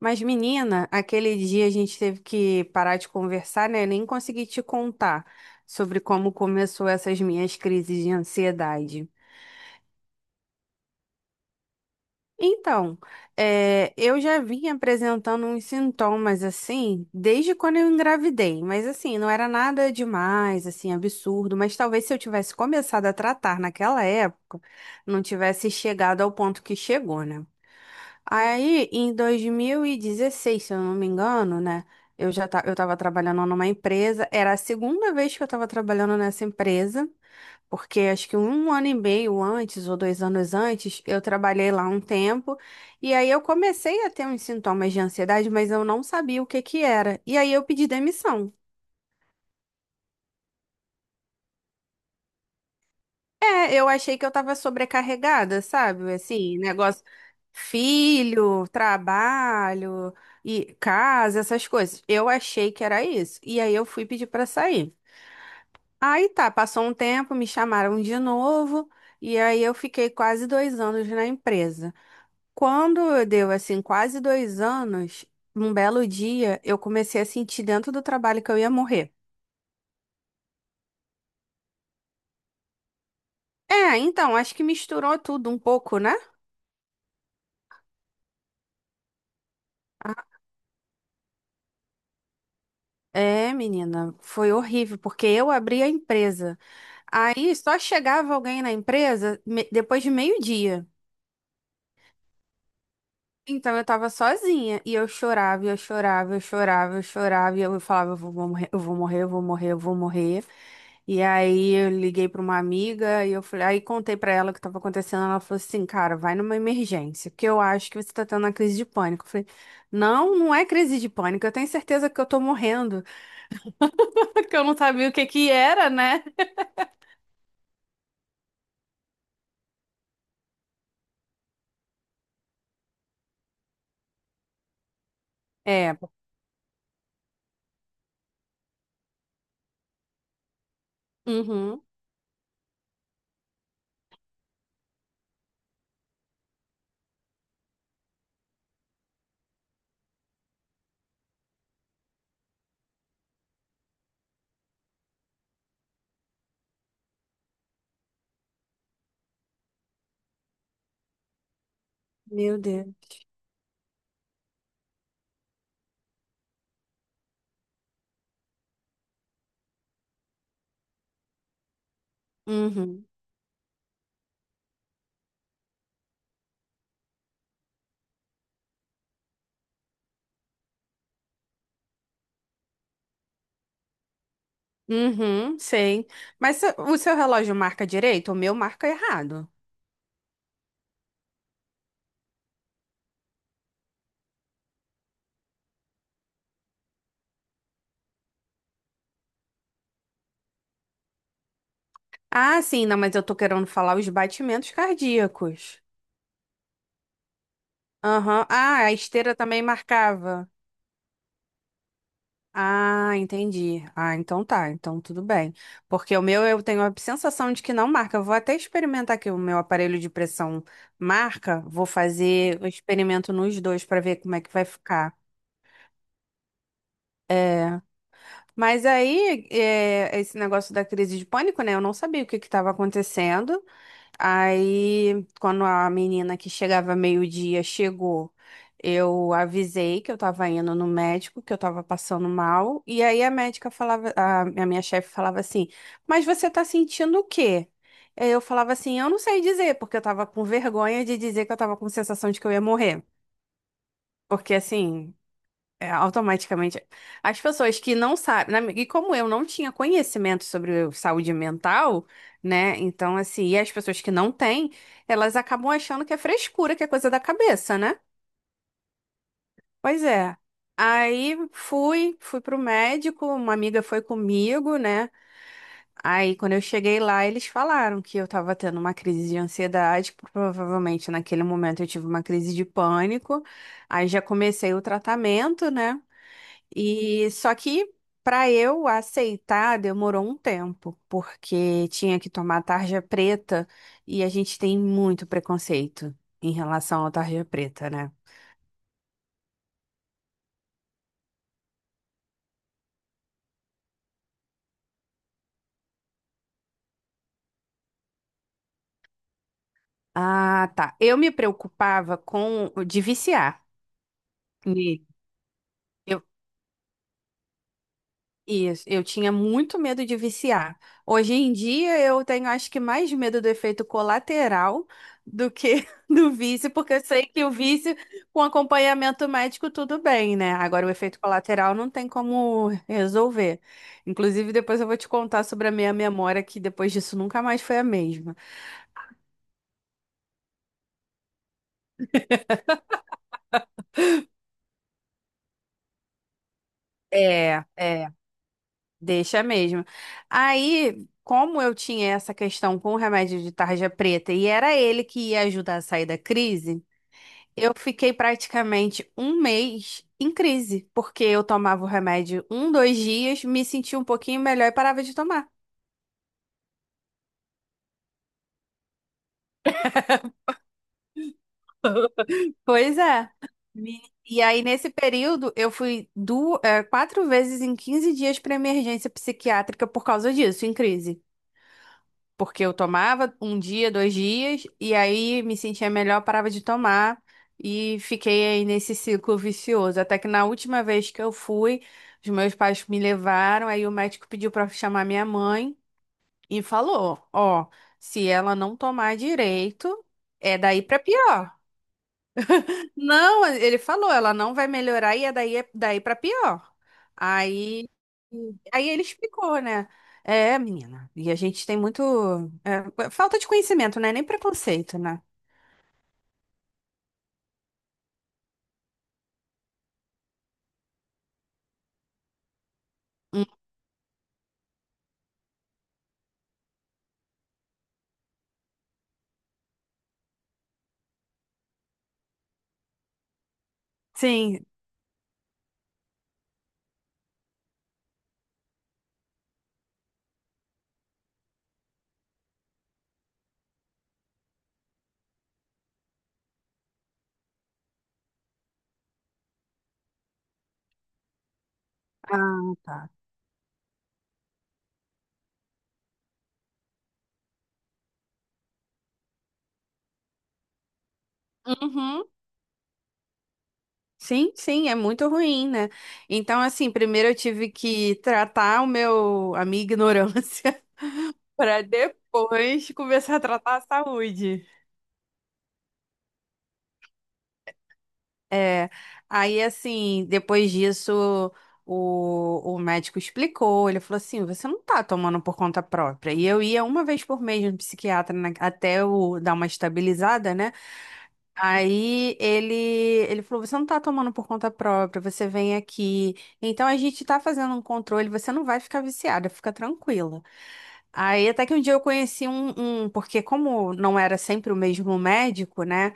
Mas, menina, aquele dia a gente teve que parar de conversar, né? Nem consegui te contar sobre como começou essas minhas crises de ansiedade. Então, eu já vim apresentando uns sintomas assim desde quando eu engravidei, mas assim, não era nada demais, assim, absurdo, mas talvez se eu tivesse começado a tratar naquela época, não tivesse chegado ao ponto que chegou, né? Aí, em 2016, se eu não me engano, né? Eu estava trabalhando numa empresa. Era a segunda vez que eu estava trabalhando nessa empresa, porque acho que um ano e meio antes ou dois anos antes, eu trabalhei lá um tempo. E aí eu comecei a ter uns sintomas de ansiedade, mas eu não sabia o que que era. E aí eu pedi demissão. Eu achei que eu tava sobrecarregada, sabe? Assim, negócio, filho, trabalho e casa, essas coisas. Eu achei que era isso. E aí eu fui pedir pra sair. Aí tá, passou um tempo, me chamaram de novo, e aí eu fiquei quase dois anos na empresa. Quando eu deu assim, quase dois anos, um belo dia, eu comecei a sentir dentro do trabalho que eu ia morrer. Então, acho que misturou tudo um pouco, né? É, menina, foi horrível, porque eu abri a empresa. Aí só chegava alguém na empresa depois de meio-dia. Então eu tava sozinha e eu chorava, eu chorava, eu chorava, e eu falava, eu vou morrer, eu vou morrer, eu vou morrer, eu vou morrer. E aí eu liguei pra uma amiga e eu falei, aí contei pra ela o que tava acontecendo, ela falou assim, cara, vai numa emergência, porque eu acho que você tá tendo uma crise de pânico. Eu falei, não, não é crise de pânico, eu tenho certeza que eu tô morrendo, porque eu não sabia o que que era, né? É. Uhum. Meu Deus. Uhum. Uhum, sei. Mas o seu relógio marca direito? O meu marca errado. Ah, sim, não, mas eu tô querendo falar os batimentos cardíacos. Aham. Ah, a esteira também marcava. Ah, entendi. Ah, então tá, então tudo bem. Porque o meu eu tenho a sensação de que não marca. Eu vou até experimentar aqui o meu aparelho de pressão marca. Vou fazer o experimento nos dois para ver como é que vai ficar. Mas aí, esse negócio da crise de pânico, né? Eu não sabia o que que estava acontecendo. Aí, quando a menina que chegava meio-dia chegou, eu avisei que eu estava indo no médico, que eu estava passando mal. E aí a médica falava, a minha chefe falava assim: Mas você está sentindo o quê? Aí eu falava assim: Eu não sei dizer, porque eu estava com vergonha de dizer que eu estava com sensação de que eu ia morrer. Porque assim. É, automaticamente. As pessoas que não sabem, na e como eu não tinha conhecimento sobre saúde mental, né? Então, assim, e as pessoas que não têm, elas acabam achando que é frescura, que é coisa da cabeça, né? Pois é. Aí fui, fui pro médico, uma amiga foi comigo, né? Aí quando eu cheguei lá, eles falaram que eu tava tendo uma crise de ansiedade, provavelmente naquele momento eu tive uma crise de pânico. Aí já comecei o tratamento, né? E só que para eu aceitar demorou um tempo, porque tinha que tomar tarja preta e a gente tem muito preconceito em relação à tarja preta, né? Ah, tá. Eu me preocupava com de viciar. E eu, Isso, eu tinha muito medo de viciar. Hoje em dia eu tenho acho que mais medo do efeito colateral do que do vício, porque eu sei que o vício com acompanhamento médico tudo bem, né? Agora o efeito colateral não tem como resolver. Inclusive depois eu vou te contar sobre a minha memória que depois disso nunca mais foi a mesma. É, é, deixa mesmo. Aí, como eu tinha essa questão com o remédio de tarja preta e era ele que ia ajudar a sair da crise, eu fiquei praticamente um mês em crise, porque eu tomava o remédio um, dois dias, me sentia um pouquinho melhor e parava de tomar. Pois é. Me- E aí, nesse período, eu fui quatro vezes em 15 dias para emergência psiquiátrica por causa disso, em crise. Porque eu tomava um dia, dois dias, e aí me sentia melhor, parava de tomar e fiquei aí nesse ciclo vicioso. Até que na última vez que eu fui, os meus pais me levaram, aí o médico pediu para chamar minha mãe e falou: Ó, se ela não tomar direito, é daí para pior. Não, ele falou, ela não vai melhorar e é daí pra pior. Aí, aí ele explicou, né? É, menina, e a gente tem muito. É, falta de conhecimento, né? Nem preconceito, né? Sim. Ah, tá. Uhum. Sim, sim, é muito ruim, né? Então, assim, primeiro eu tive que tratar a minha ignorância, para depois começar a tratar a saúde. É, aí assim, depois disso, o médico explicou, ele falou assim, você não tá tomando por conta própria. E eu ia uma vez por mês no psiquiatra, até eu dar uma estabilizada, né? Aí ele falou, você não tá tomando por conta própria, você vem aqui. Então a gente tá fazendo um controle, você não vai ficar viciada, fica tranquila. Aí até que um dia eu conheci porque como não era sempre o mesmo médico, né?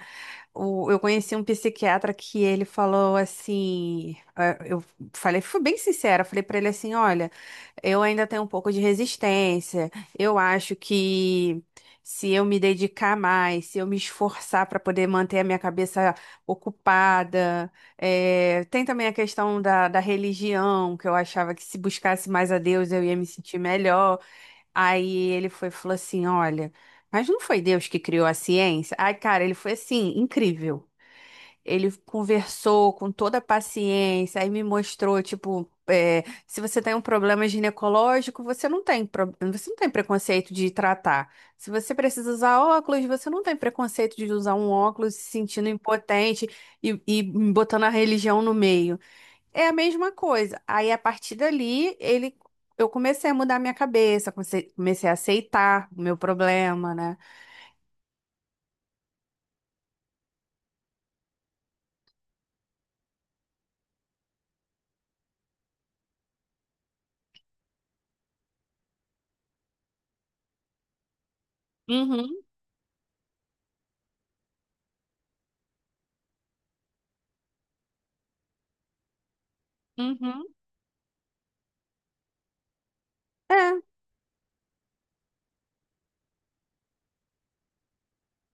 Eu conheci um psiquiatra que ele falou assim, eu falei, fui bem sincera, falei pra ele assim, olha, eu ainda tenho um pouco de resistência. Eu acho que se eu me dedicar mais, se eu me esforçar para poder manter a minha cabeça ocupada, tem também a questão da religião, que eu achava que se buscasse mais a Deus eu ia me sentir melhor. Aí ele foi, falou assim: Olha, mas não foi Deus que criou a ciência? Ai, cara, ele foi assim, incrível. Ele conversou com toda a paciência, aí me mostrou, tipo, se você tem um problema ginecológico, você não tem, você não tem preconceito de tratar. Se você precisa usar óculos, você não tem preconceito de usar um óculos se sentindo impotente e botando a religião no meio. É a mesma coisa. Aí, a partir dali, eu comecei a mudar minha cabeça, comecei, comecei a aceitar o meu problema, né? Uhum, uhum. É,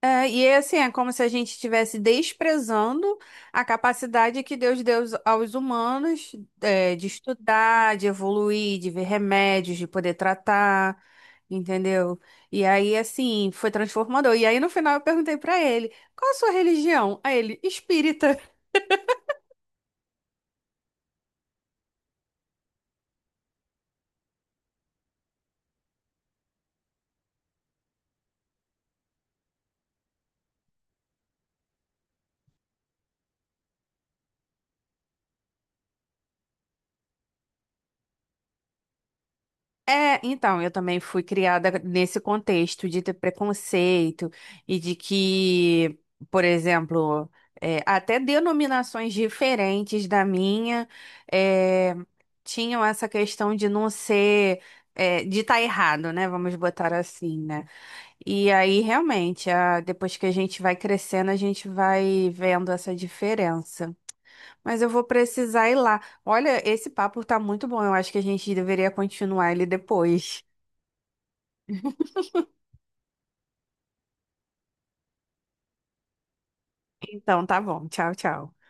é, e é assim, é como se a gente estivesse desprezando a capacidade que Deus deu aos humanos, é, de estudar, de evoluir, de ver remédios, de poder tratar, entendeu? E aí, assim, foi transformador. E aí, no final, eu perguntei pra ele, qual a sua religião? Aí ele, espírita. É, então, eu também fui criada nesse contexto de ter preconceito e de que, por exemplo, até denominações diferentes da minha é, tinham essa questão de não ser, de estar errado, né? Vamos botar assim, né? E aí, realmente, depois que a gente vai crescendo, a gente vai vendo essa diferença. Mas eu vou precisar ir lá. Olha, esse papo tá muito bom. Eu acho que a gente deveria continuar ele depois. Então, tá bom. Tchau, tchau.